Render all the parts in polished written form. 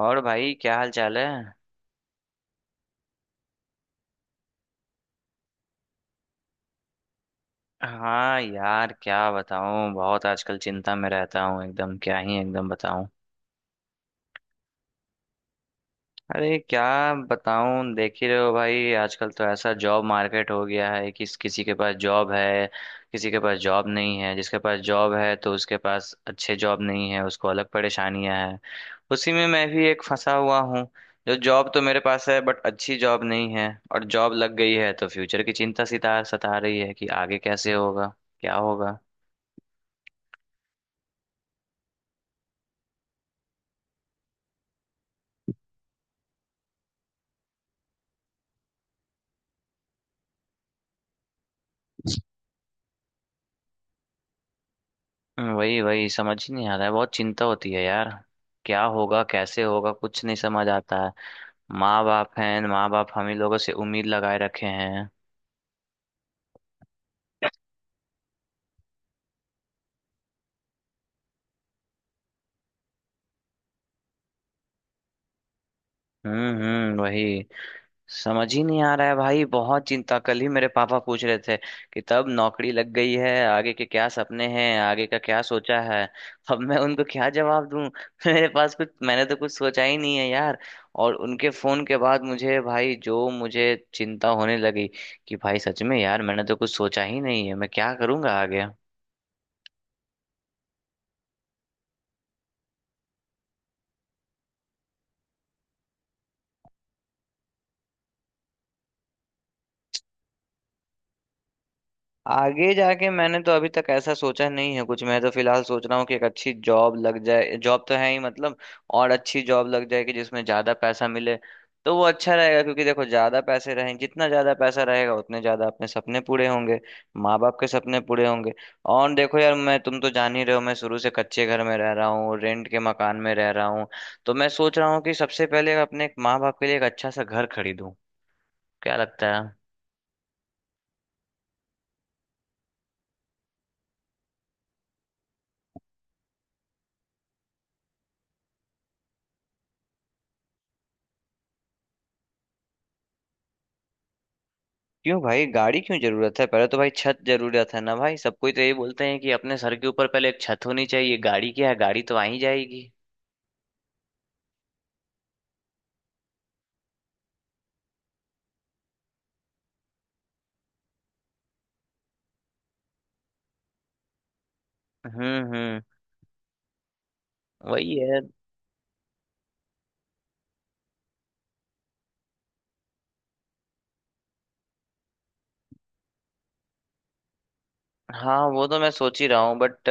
और भाई क्या हाल चाल है। हाँ यार क्या बताऊं, बहुत आजकल चिंता में रहता हूँ, एकदम क्या ही एकदम बताऊं। अरे क्या बताऊं, देख ही रहे हो भाई आजकल तो ऐसा जॉब मार्केट हो गया है कि किसी के पास जॉब है, किसी के पास जॉब नहीं है। जिसके पास जॉब है तो उसके पास अच्छे जॉब नहीं है, उसको अलग परेशानियां हैं। उसी में मैं भी एक फंसा हुआ हूँ। जो जॉब तो मेरे पास है बट अच्छी जॉब नहीं है, और जॉब लग गई है तो फ्यूचर की चिंता सिता सता रही है कि आगे कैसे होगा, क्या होगा। वही वही समझ ही नहीं आ रहा है, बहुत चिंता होती है यार। क्या होगा, कैसे होगा, कुछ नहीं समझ आता है। माँ बाप हम ही लोगों से उम्मीद लगाए रखे हैं। वही, समझ ही नहीं आ रहा है भाई, बहुत चिंता। कल ही मेरे पापा पूछ रहे थे कि तब नौकरी लग गई है, आगे के क्या सपने हैं, आगे का क्या सोचा है। अब मैं उनको क्या जवाब दूं? मेरे पास कुछ, मैंने तो कुछ सोचा ही नहीं है यार। और उनके फोन के बाद मुझे भाई जो मुझे चिंता होने लगी कि भाई सच में यार, मैंने तो कुछ सोचा ही नहीं है, मैं क्या करूंगा आगे। आगे जाके मैंने तो अभी तक ऐसा सोचा नहीं है कुछ, मैं तो फिलहाल सोच रहा हूँ कि एक अच्छी जॉब लग जाए। जॉब तो है ही मतलब, और अच्छी जॉब लग जाए कि जिसमें ज्यादा पैसा मिले तो वो अच्छा रहेगा। क्योंकि देखो, ज्यादा पैसे रहें, जितना ज्यादा पैसा रहेगा उतने ज्यादा अपने सपने पूरे होंगे, माँ बाप के सपने पूरे होंगे। और देखो यार, मैं तुम तो जान ही रहे हो, मैं शुरू से कच्चे घर में रह रहा हूँ, रेंट के मकान में रह रहा हूँ। तो मैं सोच रहा हूँ कि सबसे पहले अपने माँ बाप के लिए एक अच्छा सा घर खरीदूं। क्या लगता है? क्यों भाई, गाड़ी क्यों जरूरत है? पहले तो भाई छत जरूरत है ना भाई। सबको तो यही बोलते हैं कि अपने सर के ऊपर पहले एक छत होनी चाहिए। गाड़ी क्या है, गाड़ी तो आ ही जाएगी। हम्म हम्म वही है। हाँ, वो तो मैं सोच ही रहा हूँ बट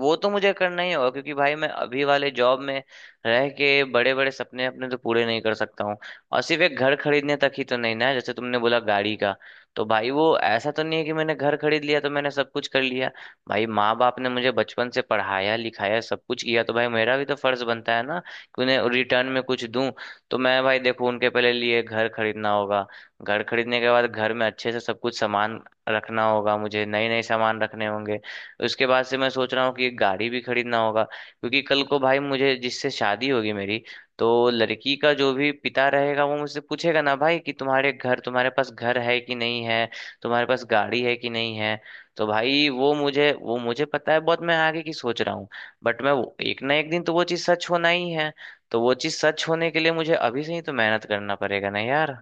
वो तो मुझे करना ही होगा, क्योंकि भाई मैं अभी वाले जॉब में रह के बड़े बड़े सपने अपने तो पूरे नहीं कर सकता हूँ। और सिर्फ एक घर खरीदने तक ही तो नहीं ना, जैसे तुमने बोला गाड़ी का, तो भाई वो ऐसा तो नहीं है कि मैंने घर खरीद लिया तो मैंने सब कुछ कर लिया। भाई, माँ बाप ने मुझे बचपन से पढ़ाया लिखाया, सब कुछ किया, तो भाई मेरा भी तो फर्ज बनता है ना कि उन्हें रिटर्न में कुछ दूं। तो मैं भाई देखो, उनके पहले लिए घर खरीदना होगा। घर खरीदने के बाद घर में अच्छे से सब कुछ सामान रखना होगा, मुझे नए नए सामान रखने होंगे। उसके बाद से मैं सोच रहा हूँ कि एक गाड़ी भी खरीदना होगा, क्योंकि कल को भाई मुझे जिससे शादी होगी मेरी, तो लड़की का जो भी पिता रहेगा वो मुझसे पूछेगा ना भाई कि तुम्हारे पास घर है कि नहीं है, तुम्हारे पास गाड़ी है कि नहीं है। तो भाई वो मुझे पता है, बहुत मैं आगे की सोच रहा हूँ। बट मैं एक ना एक दिन तो वो चीज़ सच होना ही है, तो वो चीज़ सच होने के लिए मुझे अभी से ही तो मेहनत करना पड़ेगा ना यार।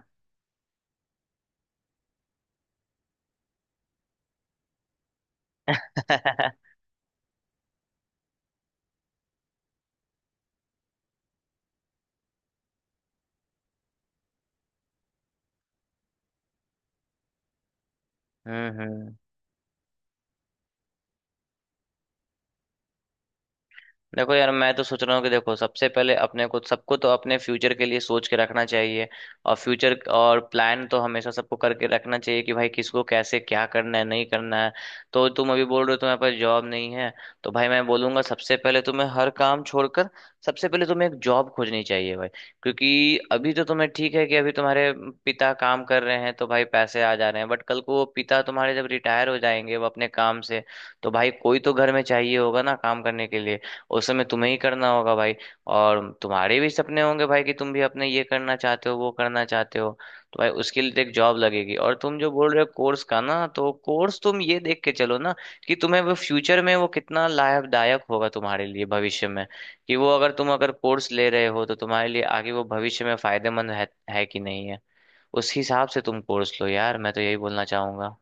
हम्म। हम्म। देखो यार, मैं तो सोच रहा हूँ कि देखो सबसे पहले अपने को, सबको तो अपने फ्यूचर के लिए सोच के रखना चाहिए। और फ्यूचर और प्लान तो हमेशा सबको करके रखना चाहिए कि भाई किसको कैसे क्या करना है, नहीं करना है। तो तुम अभी बोल रहे हो तुम्हारे पास जॉब नहीं है, तो भाई मैं बोलूंगा सबसे पहले तुम्हें हर काम छोड़कर सबसे पहले तुम्हें एक जॉब खोजनी चाहिए भाई। क्योंकि अभी तो तुम्हें ठीक है कि अभी तुम्हारे पिता काम कर रहे हैं तो भाई पैसे आ जा रहे हैं, बट कल को वो पिता तुम्हारे जब रिटायर हो जाएंगे वो अपने काम से, तो भाई कोई तो घर में चाहिए होगा ना काम करने के लिए। उस समय तुम्हें ही करना होगा भाई। और तुम्हारे भी सपने होंगे भाई कि तुम भी अपने ये करना चाहते हो, वो करना चाहते हो। तो भाई उसके लिए तो एक जॉब लगेगी। और तुम जो बोल रहे हो कोर्स का ना, तो कोर्स तुम ये देख के चलो ना कि तुम्हें वो फ्यूचर में वो कितना लाभदायक होगा, तुम्हारे लिए भविष्य में। कि वो, अगर तुम अगर कोर्स ले रहे हो तो तुम्हारे लिए आगे वो भविष्य में फायदेमंद है कि नहीं है। उस हिसाब से तुम कोर्स लो यार, मैं तो यही बोलना चाहूंगा।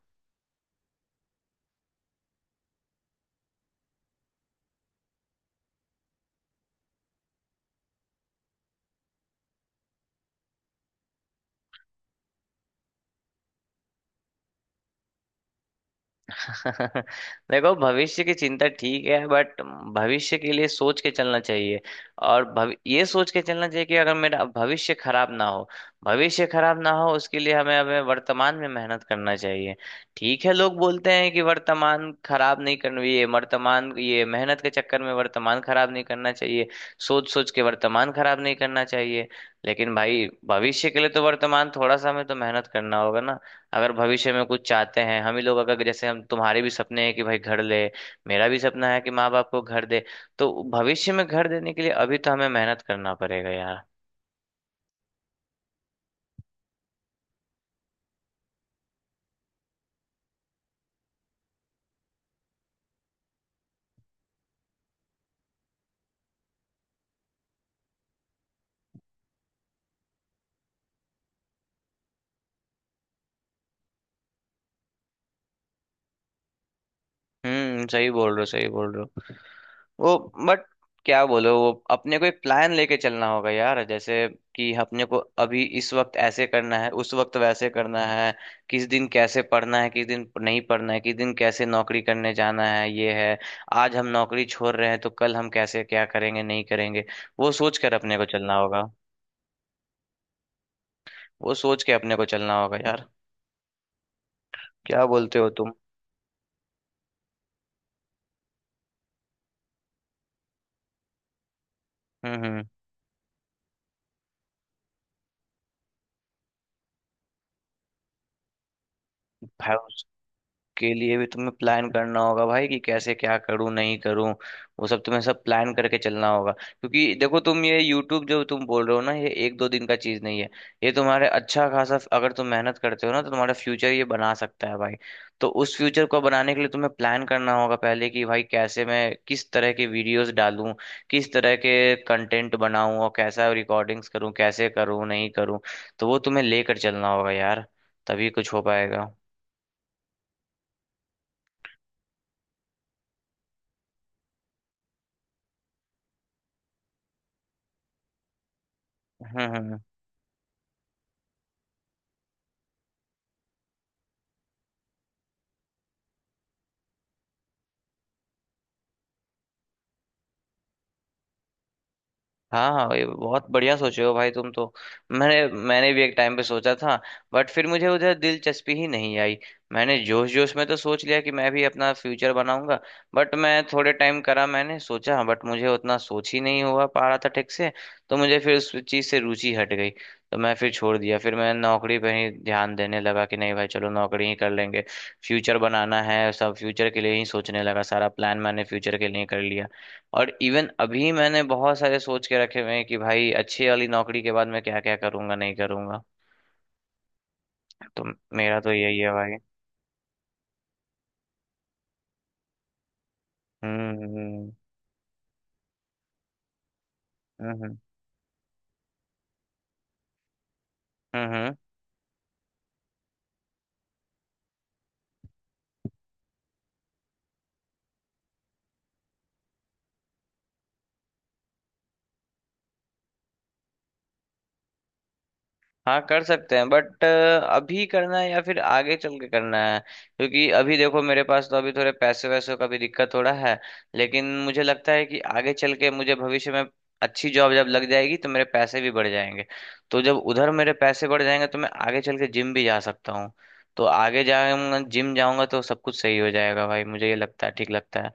देखो, भविष्य की चिंता ठीक है बट भविष्य के लिए सोच के चलना चाहिए। और भवि ये सोच के चलना चाहिए कि अगर मेरा भविष्य खराब ना हो, भविष्य खराब ना हो उसके लिए हमें हमें वर्तमान में मेहनत करना चाहिए। ठीक है, लोग बोलते हैं कि वर्तमान खराब नहीं करना, ये वर्तमान, ये मेहनत के चक्कर में वर्तमान खराब नहीं करना चाहिए, सोच सोच के वर्तमान खराब नहीं करना चाहिए। लेकिन भाई भविष्य के लिए तो वर्तमान थोड़ा सा हमें तो मेहनत करना होगा। अगर भविष्य में कुछ चाहते हैं हम ही लोग, अगर जैसे हम, तुम्हारे भी सपने हैं कि भाई घर ले, मेरा भी सपना है कि माँ बाप को घर दे, तो भविष्य में घर देने के लिए अभी तो हमें मेहनत करना पड़ेगा यार। हम्म, सही बोल रहे हो, सही बोल रहे हो। वो, बट क्या बोलो, वो अपने को एक प्लान लेके चलना होगा यार, जैसे कि अपने को अभी इस वक्त ऐसे करना है, उस वक्त वैसे करना है, किस दिन कैसे पढ़ना है, किस दिन नहीं पढ़ना है, किस दिन कैसे नौकरी करने जाना है ये है। आज हम नौकरी छोड़ रहे हैं तो कल हम कैसे क्या करेंगे, नहीं करेंगे, वो सोच कर अपने को चलना होगा, वो सोच के अपने को चलना होगा यार। क्या बोलते हो तुम? हम्म हम्म भाई, के लिए भी तुम्हें प्लान करना होगा भाई कि कैसे क्या करूं, नहीं करूं। वो सब तुम्हें सब प्लान करके चलना होगा, क्योंकि देखो तुम ये यूट्यूब जो तुम बोल रहे हो ना, ये एक दो दिन का चीज नहीं है। ये तुम्हारे अच्छा खासा अगर तुम मेहनत करते हो ना तो तुम्हारा फ्यूचर ये बना सकता है भाई। तो उस फ्यूचर को बनाने के लिए तुम्हें प्लान करना होगा पहले कि भाई कैसे, मैं किस तरह के वीडियोस डालूं, किस तरह के कंटेंट बनाऊं और कैसा रिकॉर्डिंग्स करूं, कैसे करूं, नहीं करूं। तो वो तुम्हें लेकर चलना होगा यार, तभी कुछ हो पाएगा। हम्म। हम्म। हम्म। हाँ हाँ भाई, बहुत बढ़िया सोचे हो भाई तुम तो। मैंने मैंने भी एक टाइम पे सोचा था, बट फिर मुझे उधर दिलचस्पी ही नहीं आई। मैंने जोश जोश में तो सोच लिया कि मैं भी अपना फ्यूचर बनाऊंगा, बट मैं थोड़े टाइम करा मैंने सोचा, बट मुझे उतना सोच ही नहीं हुआ पा रहा था ठीक से। तो मुझे फिर उस चीज़ से रुचि हट गई, तो मैं फिर छोड़ दिया, फिर मैं नौकरी पे ही ध्यान देने लगा कि नहीं भाई चलो नौकरी ही कर लेंगे। फ्यूचर बनाना है, सब फ्यूचर के लिए ही सोचने लगा, सारा प्लान मैंने फ्यूचर के लिए कर लिया। और इवन अभी मैंने बहुत सारे सोच के रखे हुए हैं कि भाई अच्छी वाली नौकरी के बाद मैं क्या क्या करूंगा, नहीं करूंगा। तो मेरा तो यही है भाई। हम्म। हम्म। हम्म। हम्म। हम्म, हम्म। हाँ, कर सकते हैं बट अभी करना है या फिर आगे चल के करना है? क्योंकि अभी देखो मेरे पास तो अभी थोड़े पैसे वैसों का भी दिक्कत थोड़ा है। लेकिन मुझे लगता है कि आगे चल के मुझे भविष्य में अच्छी जॉब जब लग जाएगी तो मेरे पैसे भी बढ़ जाएंगे, तो जब उधर मेरे पैसे बढ़ जाएंगे तो मैं आगे चल के जिम भी जा सकता हूँ। तो आगे जाऊंगा, जिम जाऊंगा तो सब कुछ सही हो जाएगा भाई, मुझे ये लगता है, ठीक लगता है।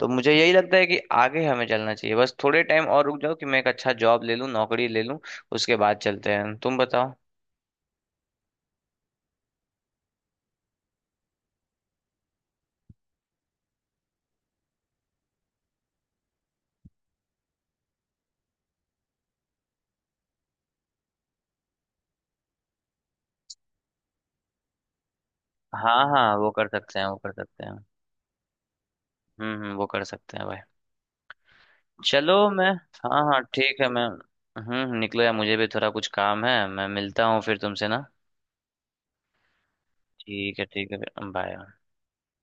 तो मुझे यही लगता है कि आगे हमें चलना चाहिए, बस थोड़े टाइम और रुक जाओ कि मैं एक अच्छा जॉब ले लूँ, नौकरी ले लूँ, उसके बाद चलते हैं। तुम बताओ। हाँ हाँ, वो कर सकते हैं, वो कर सकते हैं। हम्म, हम्म, वो कर सकते हैं भाई। चलो मैं, हाँ हाँ, ठीक है मैं। हम्म, निकलो यार, मुझे भी थोड़ा कुछ काम है, मैं मिलता हूँ फिर तुमसे ना। ठीक है, ठीक है। बाय।